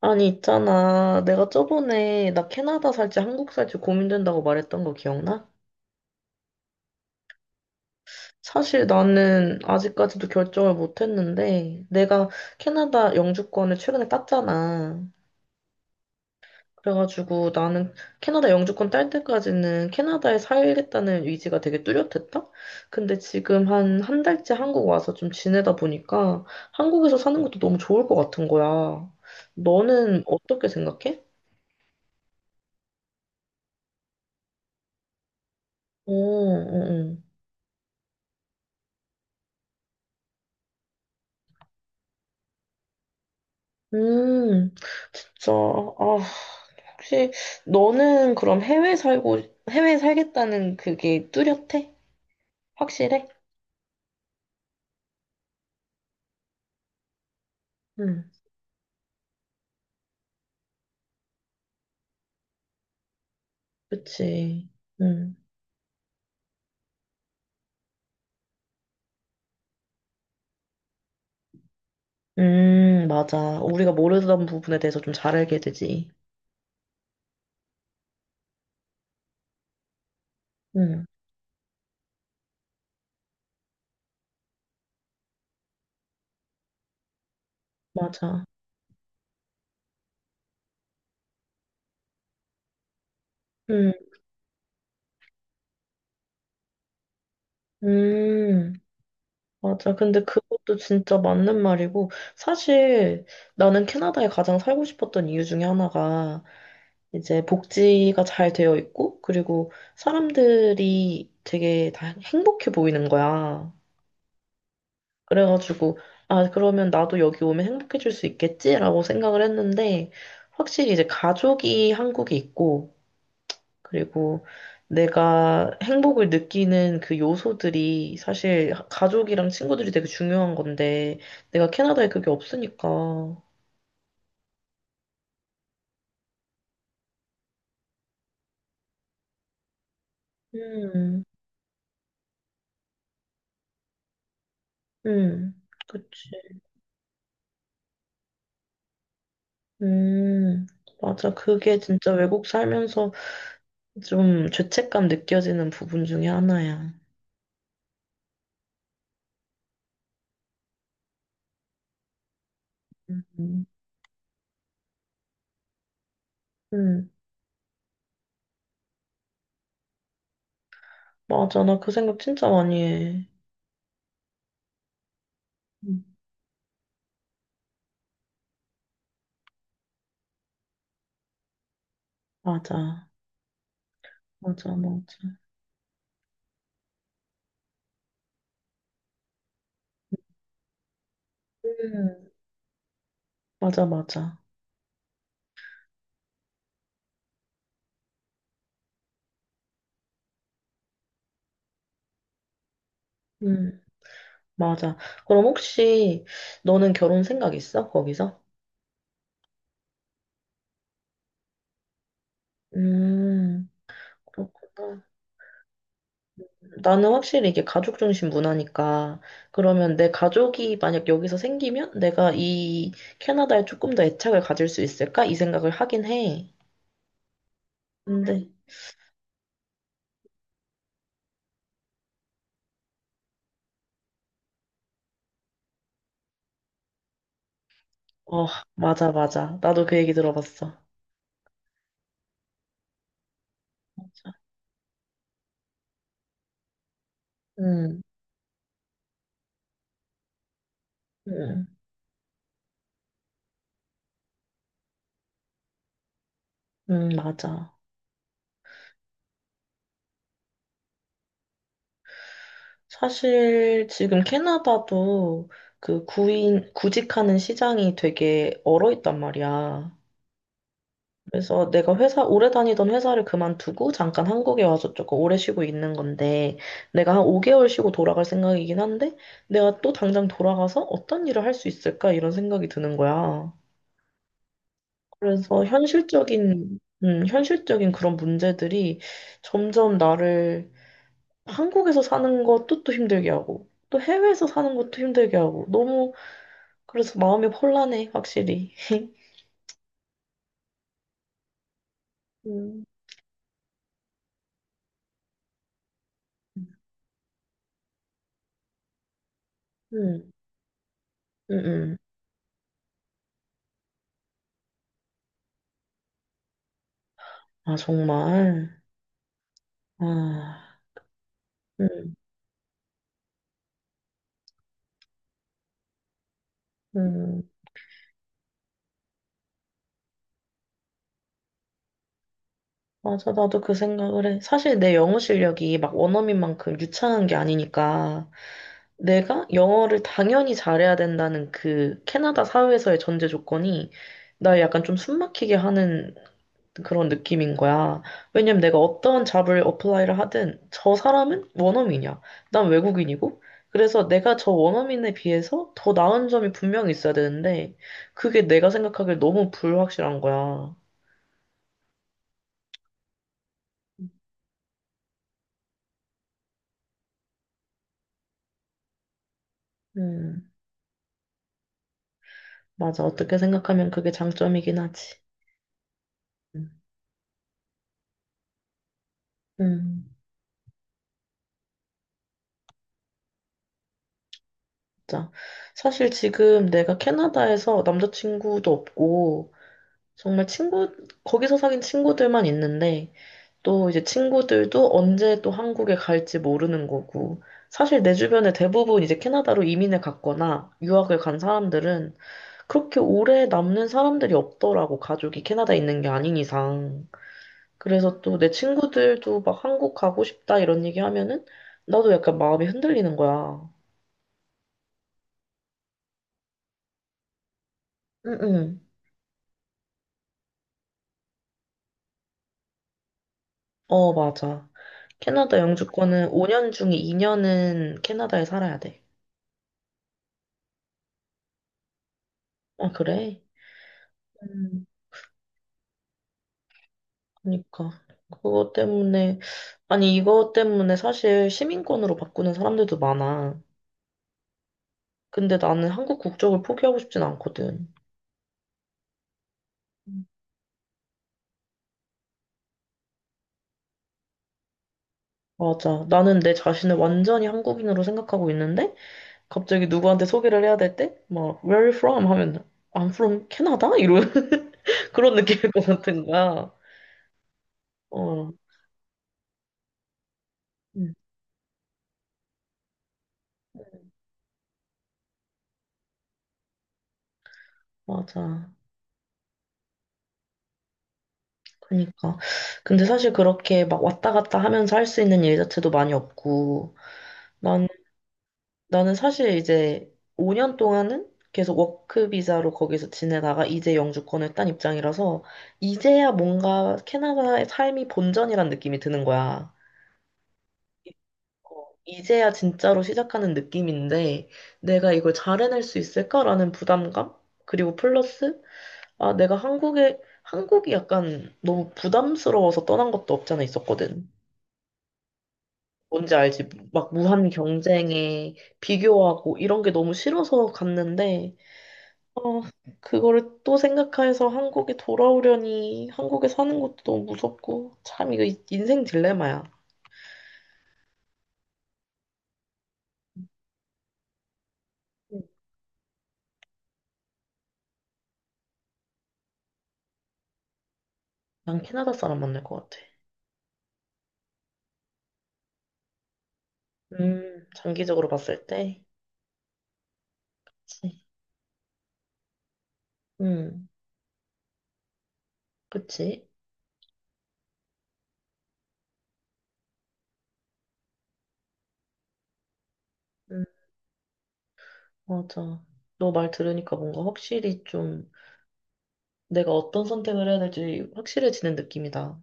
아니, 있잖아. 내가 저번에 나 캐나다 살지 한국 살지 고민된다고 말했던 거 기억나? 사실 나는 아직까지도 결정을 못 했는데, 내가 캐나다 영주권을 최근에 땄잖아. 그래가지고 나는 캐나다 영주권 딸 때까지는 캐나다에 살겠다는 의지가 되게 뚜렷했다. 근데 지금 한 한 달째 한국 와서 좀 지내다 보니까 한국에서 사는 것도 너무 좋을 것 같은 거야. 너는 어떻게 생각해? 어, 어, 어. 음. 저, 아, 혹시 너는 그럼 해외 살고, 해외 살겠다는 그게 뚜렷해? 확실해? 응, 그치. 응. 맞아. 우리가 모르던 부분에 대해서 좀 잘 알게 되지. 응, 맞아. 응, 음, 맞아. 근데 그것도 진짜 맞는 말이고, 사실 나는 캐나다에 가장 살고 싶었던 이유 중에 하나가 이제 복지가 잘 되어 있고, 그리고 사람들이 되게 다 행복해 보이는 거야. 그래가지고, 아, 그러면 나도 여기 오면 행복해질 수 있겠지라고 생각을 했는데, 확실히 이제 가족이 한국에 있고, 그리고 내가 행복을 느끼는 그 요소들이 사실 가족이랑 친구들이 되게 중요한 건데, 내가 캐나다에 그게 없으니까. 음, 음, 그치. 음, 맞아. 그게 진짜 외국 살면서 좀 죄책감 느껴지는 부분 중에 하나야. 음, 음, 맞아. 나 그 생각 진짜 많이 해. 음, 맞아. 맞아, 맞아. 음, 맞아, 맞아. 음, 맞아. 그럼 혹시 너는 결혼 생각 있어? 거기서? 음, 그렇구나. 나는 확실히 이게 가족 중심 문화니까 그러면 내 가족이 만약 여기서 생기면 내가 이 캐나다에 조금 더 애착을 가질 수 있을까? 이 생각을 하긴 해. 근데 어, 맞아, 맞아, 나도 그 얘기 들어봤어. 맞아. 음, 음, 맞아. 사실 지금 캐나다도 그 구인 구직하는 시장이 되게 얼어 있단 말이야. 그래서 내가 회사, 오래 다니던 회사를 그만두고 잠깐 한국에 와서 조금 오래 쉬고 있는 건데, 내가 한 5개월 쉬고 돌아갈 생각이긴 한데, 내가 또 당장 돌아가서 어떤 일을 할 수 있을까? 이런 생각이 드는 거야. 그래서 현실적인, 현실적인 그런 문제들이 점점 나를 한국에서 사는 것도 또 힘들게 하고, 또 해외에서 사는 것도 힘들게 하고, 너무, 그래서 마음이 혼란해, 확실히. 음, 음, 음, 음. 아, 정말. 아. 음, 음, 맞아. 나도 그 생각을 해. 사실 내 영어 실력이 막 원어민만큼 유창한 게 아니니까 내가 영어를 당연히 잘해야 된다는 그 캐나다 사회에서의 전제 조건이 나 약간 좀 숨막히게 하는 그런 느낌인 거야. 왜냐면 내가 어떤 잡을 어플라이를 하든 저 사람은 원어민이야. 난 외국인이고. 그래서 내가 저 원어민에 비해서 더 나은 점이 분명히 있어야 되는데 그게 내가 생각하기에 너무 불확실한 거야. 음. 맞아. 어떻게 생각하면 그게 장점이긴 하지. 음, 음, 맞아. 사실 지금 내가 캐나다에서 남자친구도 없고, 정말 친구, 거기서 사귄 친구들만 있는데, 또 이제 친구들도 언제 또 한국에 갈지 모르는 거고, 사실 내 주변에 대부분 이제 캐나다로 이민을 갔거나 유학을 간 사람들은 그렇게 오래 남는 사람들이 없더라고. 가족이 캐나다에 있는 게 아닌 이상. 그래서 또 내 친구들도 막 한국 가고 싶다 이런 얘기 하면은 나도 약간 마음이 흔들리는 거야. 응응. 어, 맞아. 캐나다 영주권은 5년 중에 2년은 캐나다에 살아야 돼. 아, 그래? 음. 그러니까. 그것 때문에, 아니, 이것 때문에 사실 시민권으로 바꾸는 사람들도 많아. 근데 나는 한국 국적을 포기하고 싶진 않거든. 맞아. 나는 내 자신을 완전히 한국인으로 생각하고 있는데, 갑자기 누구한테 소개를 해야 될 때, 막, where are you from? 하면, I'm from 캐나다? 이런, 그런 느낌일 것 같은 거야. 어, 음, 맞아. 그니까. 근데 사실 그렇게 막 왔다 갔다 하면서 할 수 있는 일 자체도 많이 없고, 난, 나는 사실 이제 5년 동안은 계속 워크 비자로 거기서 지내다가 이제 영주권을 딴 입장이라서, 이제야 뭔가 캐나다의 삶이 본전이란 느낌이 드는 거야. 이제야 진짜로 시작하는 느낌인데, 내가 이걸 잘 해낼 수 있을까라는 부담감? 그리고 플러스, 아, 내가 한국에, 한국이 약간 너무 부담스러워서 떠난 것도 없지 않아 있었거든. 뭔지 알지? 막 무한 경쟁에 비교하고 이런 게 너무 싫어서 갔는데, 어, 그거를 또 생각해서 한국에 돌아오려니 한국에 사는 것도 너무 무섭고, 참 이거 인생 딜레마야. 난 캐나다 사람 만날 것 같아. 장기적으로 봤을 때. 그치. 응, 그치. 음, 맞아. 너 말 들으니까 뭔가 확실히 좀 내가 어떤 선택을 해야 될지 확실해지는 느낌이다.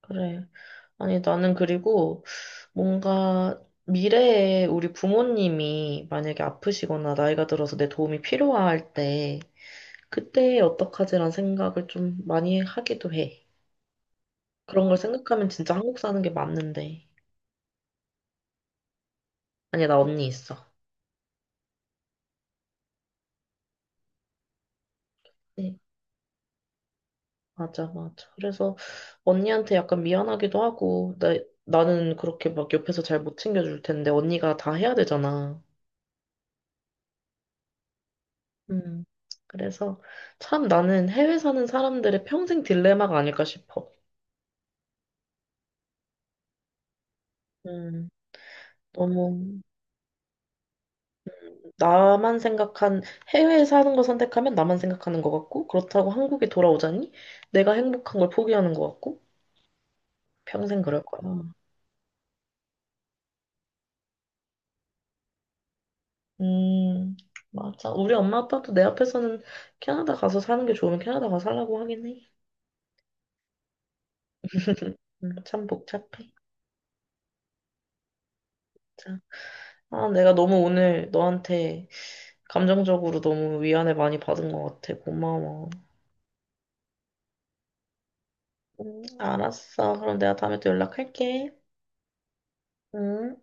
그래. 아니, 나는 그리고 뭔가 미래에 우리 부모님이 만약에 아프시거나 나이가 들어서 내 도움이 필요할 때 그때 어떡하지란 생각을 좀 많이 하기도 해. 그런 걸 생각하면 진짜 한국 사는 게 맞는데. 아니, 나 언니 있어. 네. 맞아, 맞아. 그래서 언니한테 약간 미안하기도 하고, 나, 나는 그렇게 막 옆에서 잘 못 챙겨줄 텐데, 언니가 다 해야 되잖아. 음. 그래서 참 나는 해외 사는 사람들의 평생 딜레마가 아닐까 싶어. 음. 너무 나만 생각한, 해외에 사는 거 선택하면 나만 생각하는 것 같고, 그렇다고 한국에 돌아오자니 내가 행복한 걸 포기하는 것 같고, 평생 그럴 거야. 음, 맞아. 우리 엄마 아빠도 내 앞에서는 캐나다 가서 사는 게 좋으면 캐나다 가서 살라고 하긴 해. 참 복잡해. 자, 내가 너무 오늘 너한테 감정적으로 너무 위안을 많이 받은 것 같아. 고마워. 알았어. 그럼 내가 다음에 또 연락할게. 응.